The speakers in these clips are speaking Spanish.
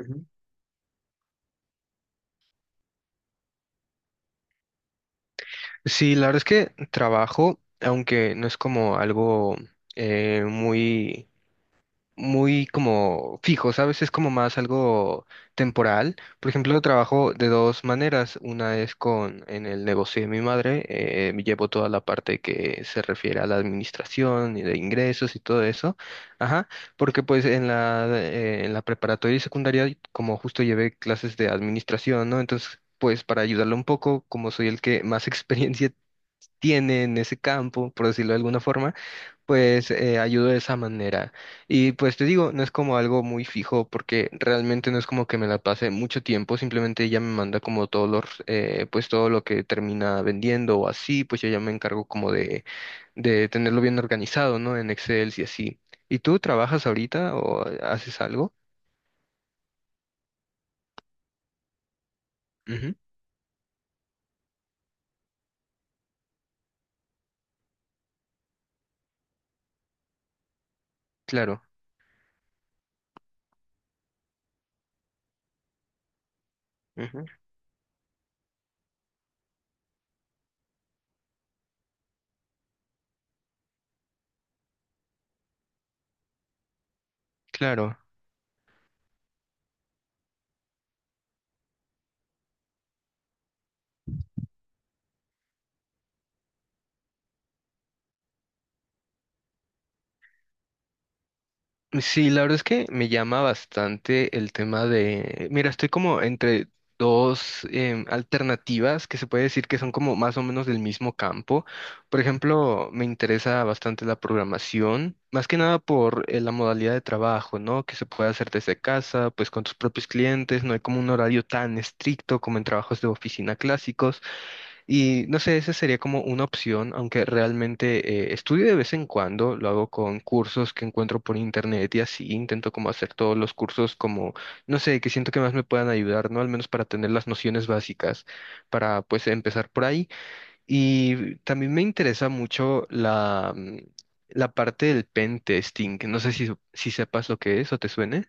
Ujú. Sí, la verdad es que trabajo, aunque no es como algo muy... muy como fijo, ¿sabes? Es como más algo temporal. Por ejemplo, trabajo de dos maneras. Una es con en el negocio de mi madre. Llevo toda la parte que se refiere a la administración y de ingresos y todo eso. Ajá, porque pues en la preparatoria y secundaria, como justo llevé clases de administración, ¿no? Entonces, pues para ayudarlo un poco, como soy el que más experiencia tiene en ese campo, por decirlo de alguna forma, pues ayudo de esa manera. Y pues te digo, no es como algo muy fijo porque realmente no es como que me la pase mucho tiempo, simplemente ella me manda como pues todo lo que termina vendiendo o así, pues yo ya me encargo como de tenerlo bien organizado, ¿no? En Excel y así. ¿Y tú trabajas ahorita o haces algo? Ujú, claro, ujú, claro. Sí, la verdad es que me llama bastante el tema de, mira, estoy como entre dos alternativas que se puede decir que son como más o menos del mismo campo. Por ejemplo, me interesa bastante la programación, más que nada por la modalidad de trabajo, ¿no? Que se puede hacer desde casa, pues con tus propios clientes, no hay como un horario tan estricto como en trabajos de oficina clásicos. Y no sé, esa sería como una opción, aunque realmente estudio de vez en cuando, lo hago con cursos que encuentro por internet y así, intento como hacer todos los cursos como, no sé, que siento que más me puedan ayudar, ¿no? Al menos para tener las nociones básicas, para pues empezar por ahí. Y también me interesa mucho la parte del pen testing. No sé si sepas lo que es o te suene.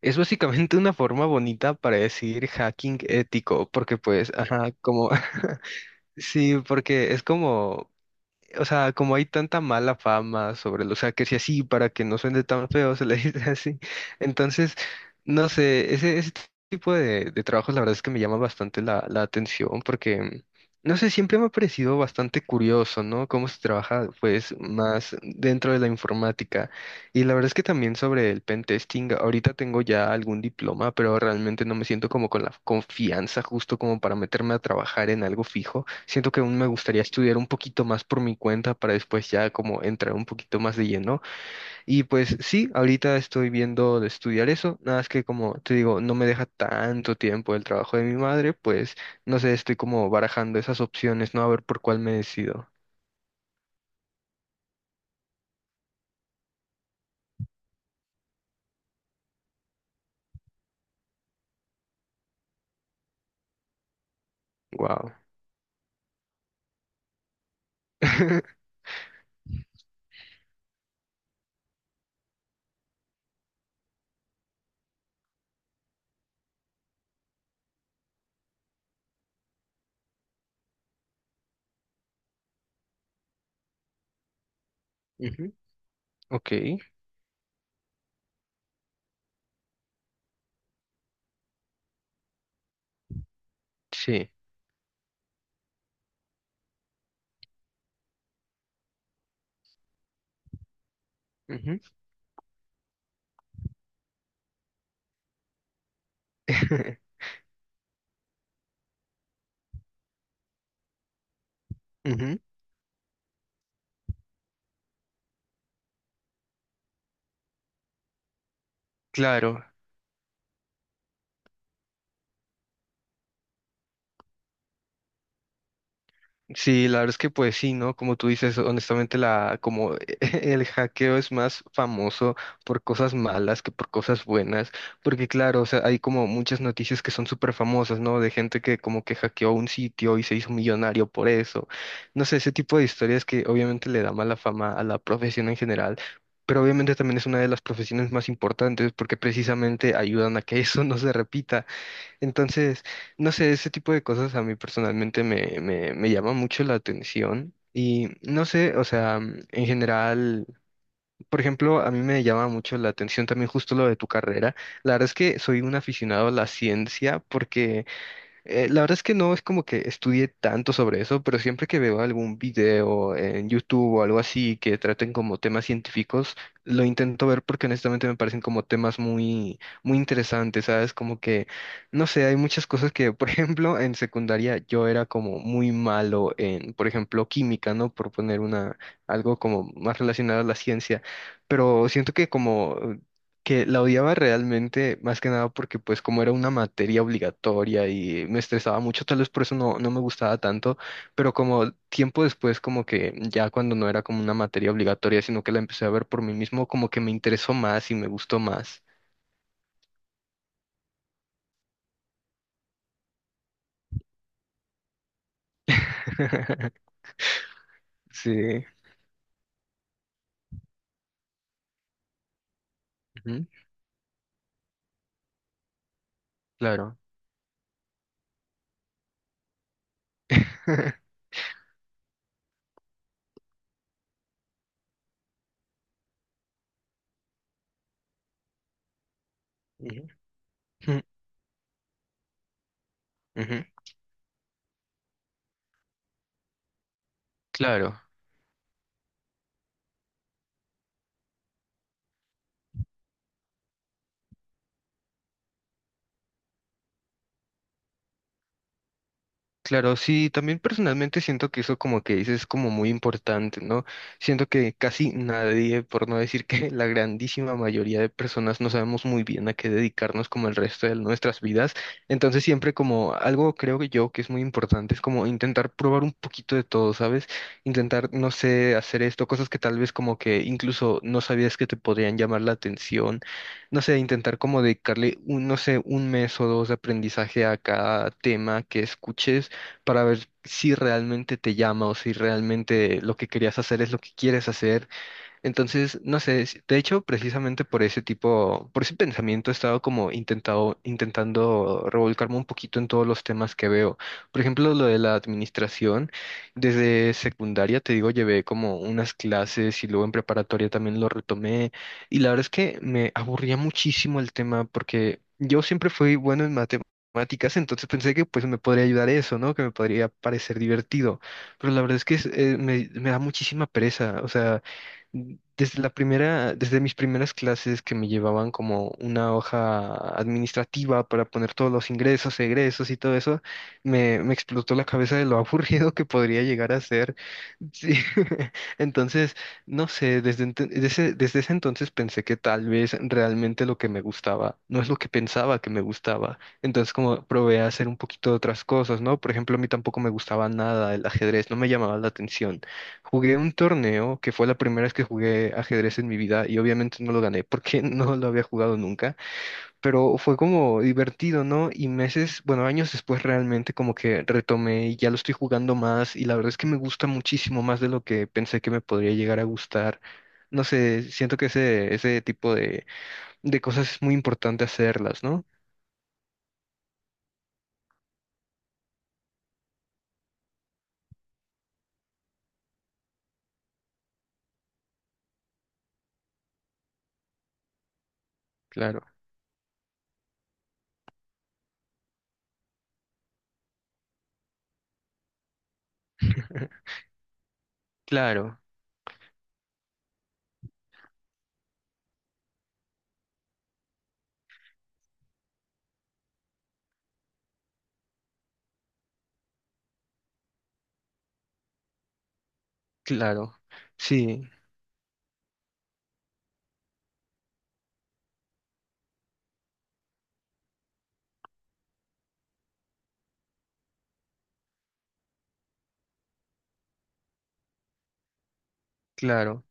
Es básicamente una forma bonita para decir hacking ético, porque pues, ajá, como... Sí, porque es como, o sea, como hay tanta mala fama sobre lo, o sea, que si así para que no suene tan feo se le dice así. Entonces, no sé, ese tipo de trabajos la verdad es que me llama bastante la atención porque, no sé, siempre me ha parecido bastante curioso, ¿no? Cómo se trabaja, pues, más dentro de la informática. Y la verdad es que también sobre el pen testing, ahorita tengo ya algún diploma, pero realmente no me siento como con la confianza justo como para meterme a trabajar en algo fijo. Siento que aún me gustaría estudiar un poquito más por mi cuenta para después ya como entrar un poquito más de lleno. Y pues sí, ahorita estoy viendo de estudiar eso, nada más que como te digo, no me deja tanto tiempo el trabajo de mi madre, pues no sé, estoy como barajando esas opciones, ¿no? A ver por cuál me decido. Wow. Ok, sí. Ujú. Ujú, claro, sí, la verdad es que pues sí, ¿no? Como tú dices, honestamente, la, como el hackeo es más famoso por cosas malas que por cosas buenas, porque claro, o sea, hay como muchas noticias que son súper famosas, ¿no? De gente que como que hackeó un sitio y se hizo millonario por eso. No sé, ese tipo de historias que obviamente le da mala fama a la profesión en general. Pero obviamente también es una de las profesiones más importantes porque precisamente ayudan a que eso no se repita. Entonces, no sé, ese tipo de cosas a mí personalmente me llama mucho la atención y no sé, o sea, mm, en general, por ejemplo, a mí me llama mucho la atención también justo lo de tu carrera. La verdad es que soy un aficionado a la ciencia. La verdad es que no es como que estudie tanto sobre eso, pero siempre que veo algún video en YouTube o algo así que traten como temas científicos, lo intento ver porque honestamente me parecen como temas muy, muy interesantes, ¿sabes? Como que, no sé, hay muchas cosas que, por ejemplo, en secundaria yo era como muy malo en, por ejemplo, química, ¿no? Por poner una, algo como más relacionado a la ciencia, pero siento que como que la odiaba realmente más que nada porque pues como era una materia obligatoria y me estresaba mucho, tal vez por eso no, no me gustaba tanto, pero como tiempo después como que ya cuando no era como una materia obligatoria, sino que la empecé a ver por mí mismo, como que me interesó más y me gustó más. Sí, ujú, claro. Ujú, ujú, ujú, claro. Claro, sí, también personalmente siento que eso como que dices es como muy importante, ¿no? Siento que casi nadie, por no decir que la grandísima mayoría de personas no sabemos muy bien a qué dedicarnos como el resto de nuestras vidas. Entonces siempre como algo creo que yo que es muy importante es como intentar probar un poquito de todo, ¿sabes? Intentar, no sé, hacer esto, cosas que tal vez como que incluso no sabías que te podrían llamar la atención. No sé, intentar como dedicarle un, no sé, un mes o dos de aprendizaje a cada tema que escuches para ver si realmente te llama o si realmente lo que querías hacer es lo que quieres hacer. Entonces, no sé, si- de hecho, precisamente por ese tipo, por ese pensamiento he estado como intentando revolcarme un poquito en todos los temas que veo. Por ejemplo, lo de la administración, desde secundaria, te digo, llevé como unas clases y luego en preparatoria también lo retomé. Y la verdad es que me aburría muchísimo el tema porque yo siempre fui bueno en matemáticas, entonces pensé que pues me podría ayudar eso, ¿no? Que me podría parecer divertido, pero la verdad es que me da muchísima pereza, o sea, desde mis primeras clases que me llevaban como una hoja administrativa para poner todos los ingresos, egresos y todo eso, me explotó la cabeza de lo aburrido que podría llegar a ser. Sí. Entonces, no sé, desde ese entonces pensé que tal vez realmente lo que me gustaba no es lo que pensaba que me gustaba. Entonces, como probé a hacer un poquito de otras cosas, ¿no? Por ejemplo, a mí tampoco me gustaba nada el ajedrez, no me llamaba la atención. Jugué un torneo que fue la primera vez que jugué ajedrez en mi vida y obviamente no lo gané porque no lo había jugado nunca, pero fue como divertido, ¿no? Y meses, bueno, años después realmente como que retomé y ya lo estoy jugando más y la verdad es que me gusta muchísimo más de lo que pensé que me podría llegar a gustar. No sé, siento que ese tipo de cosas es muy importante hacerlas, ¿no? Claro, claro, claro. Sí, claro.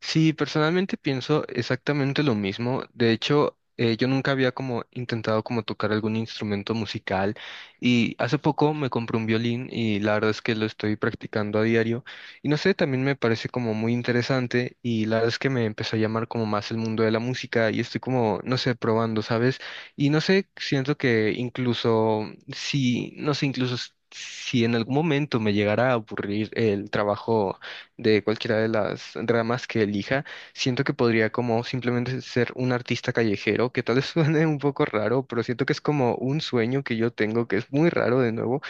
Sí, personalmente pienso exactamente lo mismo. De hecho, yo nunca había como intentado como tocar algún instrumento musical y hace poco me compré un violín y la verdad es que lo estoy practicando a diario y no sé, también me parece como muy interesante y la verdad es que me empezó a llamar como más el mundo de la música y estoy como, no sé, probando, ¿sabes? Y no sé, siento que incluso si, no sé, incluso si en algún momento me llegara a aburrir el trabajo de cualquiera de las ramas que elija, siento que podría como simplemente ser un artista callejero, que tal vez suene un poco raro, pero siento que es como un sueño que yo tengo, que es muy raro de nuevo,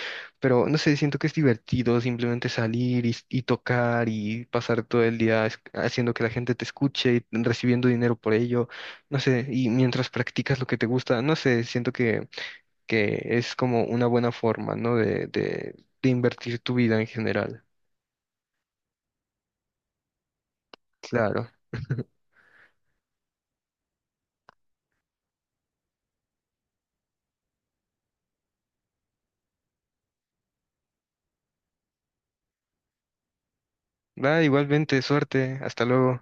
pero no sé, siento que es divertido simplemente salir y tocar y pasar todo el día es- haciendo que la gente te escuche y recibiendo dinero por ello, no sé, y mientras practicas lo que te gusta, no sé, siento que es como una buena forma, ¿no? De invertir tu vida en general. Claro. Va, igualmente, suerte. Hasta luego.